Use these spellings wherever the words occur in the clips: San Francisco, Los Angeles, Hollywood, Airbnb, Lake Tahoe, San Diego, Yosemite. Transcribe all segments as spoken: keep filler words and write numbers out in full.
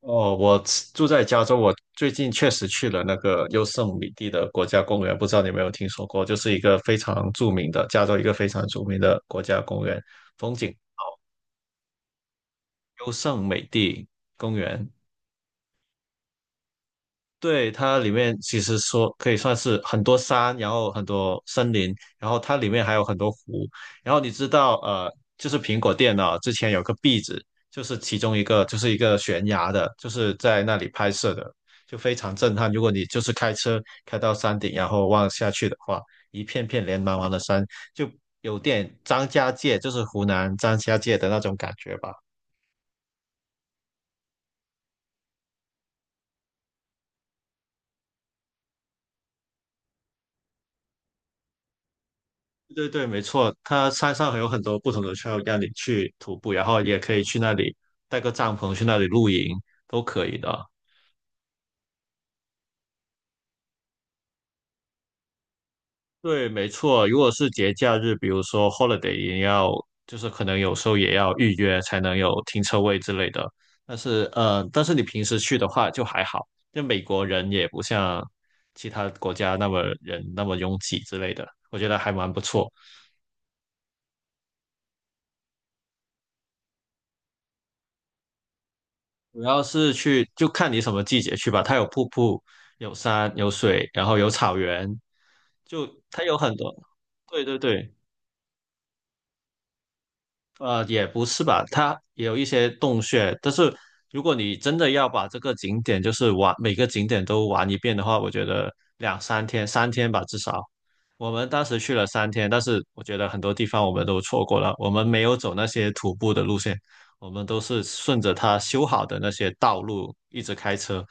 哦，我住在加州，我最近确实去了那个优胜美地的国家公园，不知道你有没有听说过，就是一个非常著名的加州一个非常著名的国家公园，风景优胜美地公园。对，它里面其实说可以算是很多山，然后很多森林，然后它里面还有很多湖。然后你知道，呃，就是苹果电脑之前有个壁纸，就是其中一个就是一个悬崖的，就是在那里拍摄的，就非常震撼。如果你就是开车开到山顶，然后望下去的话，一片片连茫茫的山，就有点张家界，就是湖南张家界的那种感觉吧。对对，没错，它山上还有很多不同的 trail 让你去徒步，然后也可以去那里带个帐篷去那里露营，都可以的。对，没错，如果是节假日，比如说 holiday，也要就是可能有时候也要预约才能有停车位之类的。但是呃，但是你平时去的话就还好，就美国人也不像其他国家那么人那么拥挤之类的，我觉得还蛮不错。主要是去就看你什么季节去吧，它有瀑布、有山、有水，然后有草原，就它有很多。对对对，呃，也不是吧，它也有一些洞穴，但是如果你真的要把这个景点就是玩，每个景点都玩一遍的话，我觉得两三天，三天吧至少。我们当时去了三天，但是我觉得很多地方我们都错过了，我们没有走那些徒步的路线，我们都是顺着它修好的那些道路一直开车，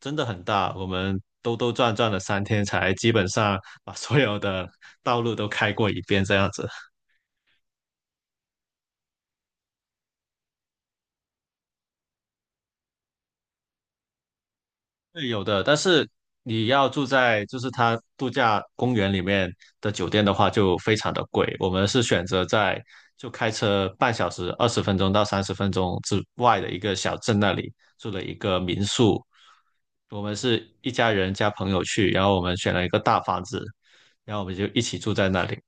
真的很大，我们兜兜转转了三天才基本上把所有的道路都开过一遍这样子。对，有的，但是你要住在就是它度假公园里面的酒店的话，就非常的贵。我们是选择在就开车半小时、二十分钟到三十分钟之外的一个小镇那里住了一个民宿。我们是一家人加朋友去，然后我们选了一个大房子，然后我们就一起住在那里。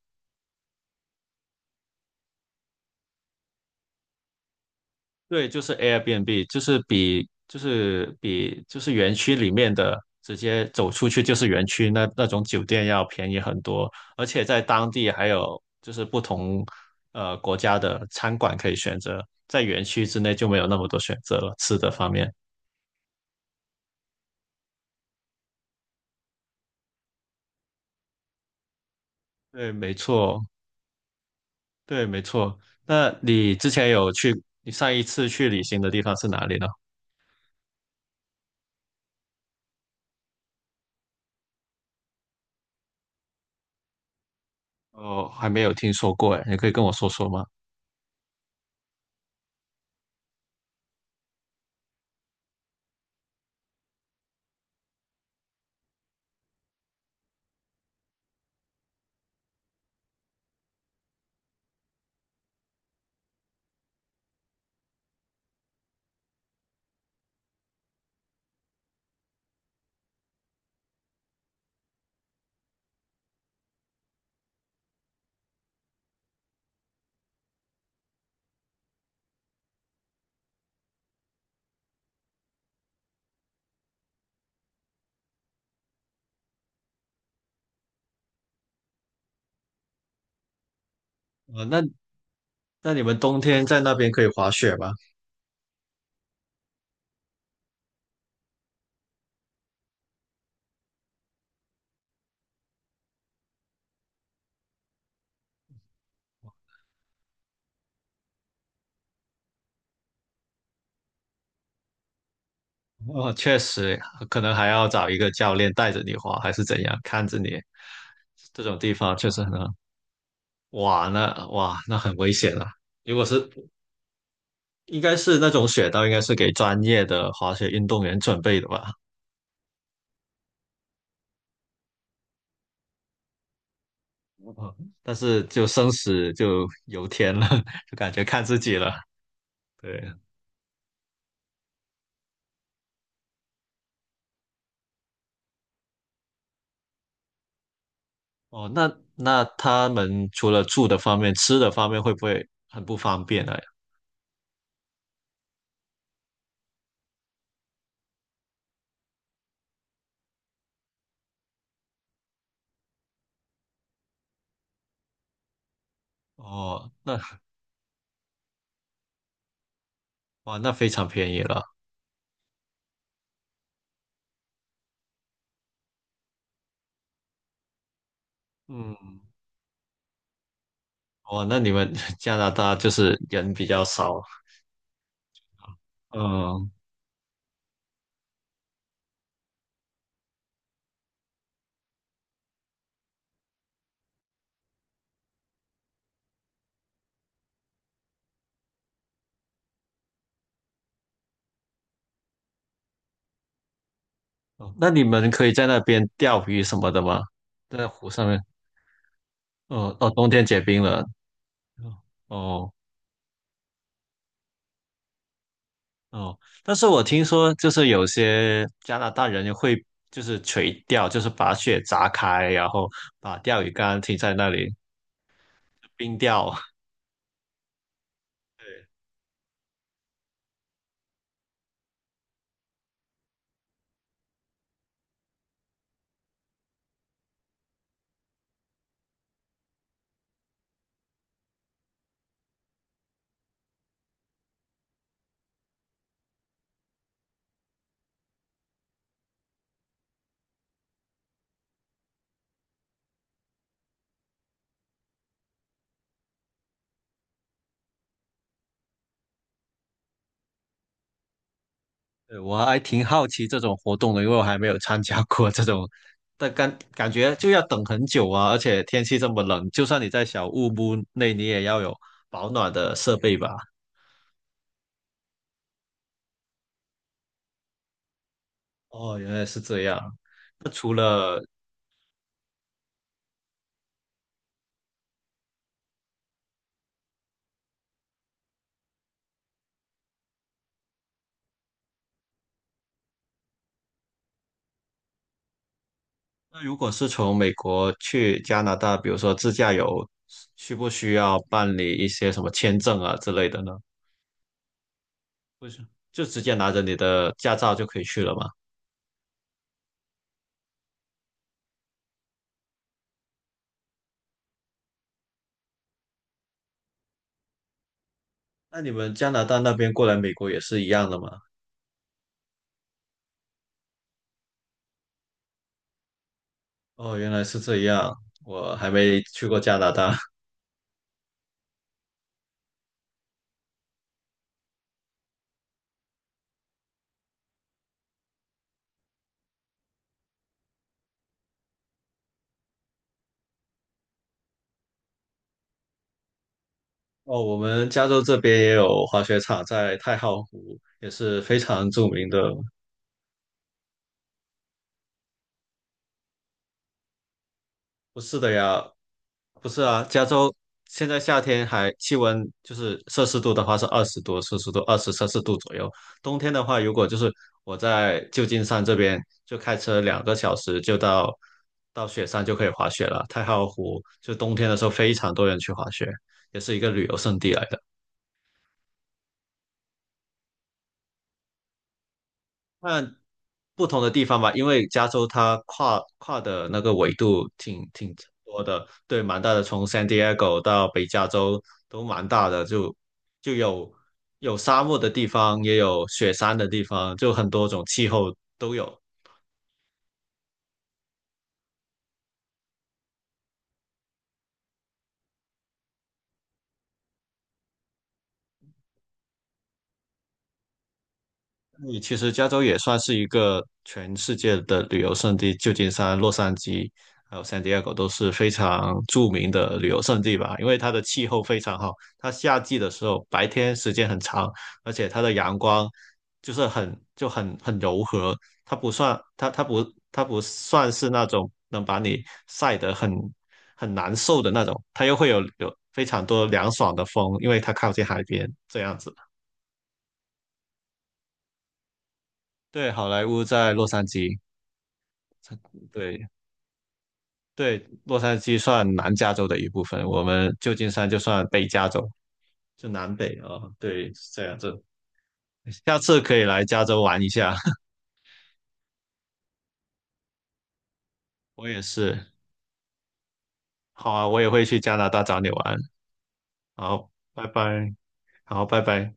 对，就是 Airbnb，就是比就是比就是园区里面的直接走出去就是园区那那种酒店要便宜很多，而且在当地还有就是不同呃国家的餐馆可以选择，在园区之内就没有那么多选择了，吃的方面。对，没错，对，没错。那你之前有去，你上一次去旅行的地方是哪里呢？哦，还没有听说过，哎，你可以跟我说说吗？呃，那那你们冬天在那边可以滑雪吗？哦，确实，可能还要找一个教练带着你滑，还是怎样，看着你。这种地方确实很好，哇，那哇，那很危险啊！如果是，应该是那种雪道，应该是给专业的滑雪运动员准备的吧？嗯但是就生死就由天了，就感觉看自己了。对，哦，那那他们除了住的方面，吃的方面会不会很不方便呢？哦，那哇，那非常便宜了。嗯。哇，那你们 加拿大就是人比较少，嗯，哦那你们可以在那边钓鱼什么的吗？在湖上面，哦哦，冬天结冰了，哦哦，但是我听说就是有些加拿大人会就是垂钓，就是把雪砸开，然后把钓鱼竿停在那里冰钓，对，我还挺好奇这种活动的，因为我还没有参加过这种，但感感觉就要等很久啊，而且天气这么冷，就算你在小木屋内，你也要有保暖的设备吧？哦，原来是这样。那除了，那如果是从美国去加拿大，比如说自驾游，需不需要办理一些什么签证啊之类的呢？不是，就直接拿着你的驾照就可以去了吗？那你们加拿大那边过来美国也是一样的吗？哦，原来是这样，我还没去过加拿大。哦，我们加州这边也有滑雪场，在太浩湖也是非常著名的。不是的呀，不是啊，加州现在夏天还气温就是摄氏度的话是二十多摄氏度，二十摄氏度左右。冬天的话，如果就是我在旧金山这边，就开车两个小时就到到雪山就可以滑雪了。太浩湖就冬天的时候非常多人去滑雪，也是一个旅游胜地来的。看不同的地方吧，因为加州它跨跨的那个纬度挺挺多的，对，蛮大的，从 San Diego 到北加州都蛮大的，就就有有沙漠的地方，也有雪山的地方，就很多种气候都有。你其实加州也算是一个全世界的旅游胜地，旧金山、洛杉矶还有 San Diego 都是非常著名的旅游胜地吧，因为它的气候非常好，它夏季的时候白天时间很长，而且它的阳光就是很就很很柔和，它不算它它不它不算是那种能把你晒得很很难受的那种，它又会有有非常多凉爽的风，因为它靠近海边这样子。对，好莱坞在洛杉矶。对，对，洛杉矶算南加州的一部分，我们旧金山就算北加州，就南北啊、哦对，是这样子，下次可以来加州玩一下。我也是，好啊，我也会去加拿大找你玩。好，拜拜，好，拜拜。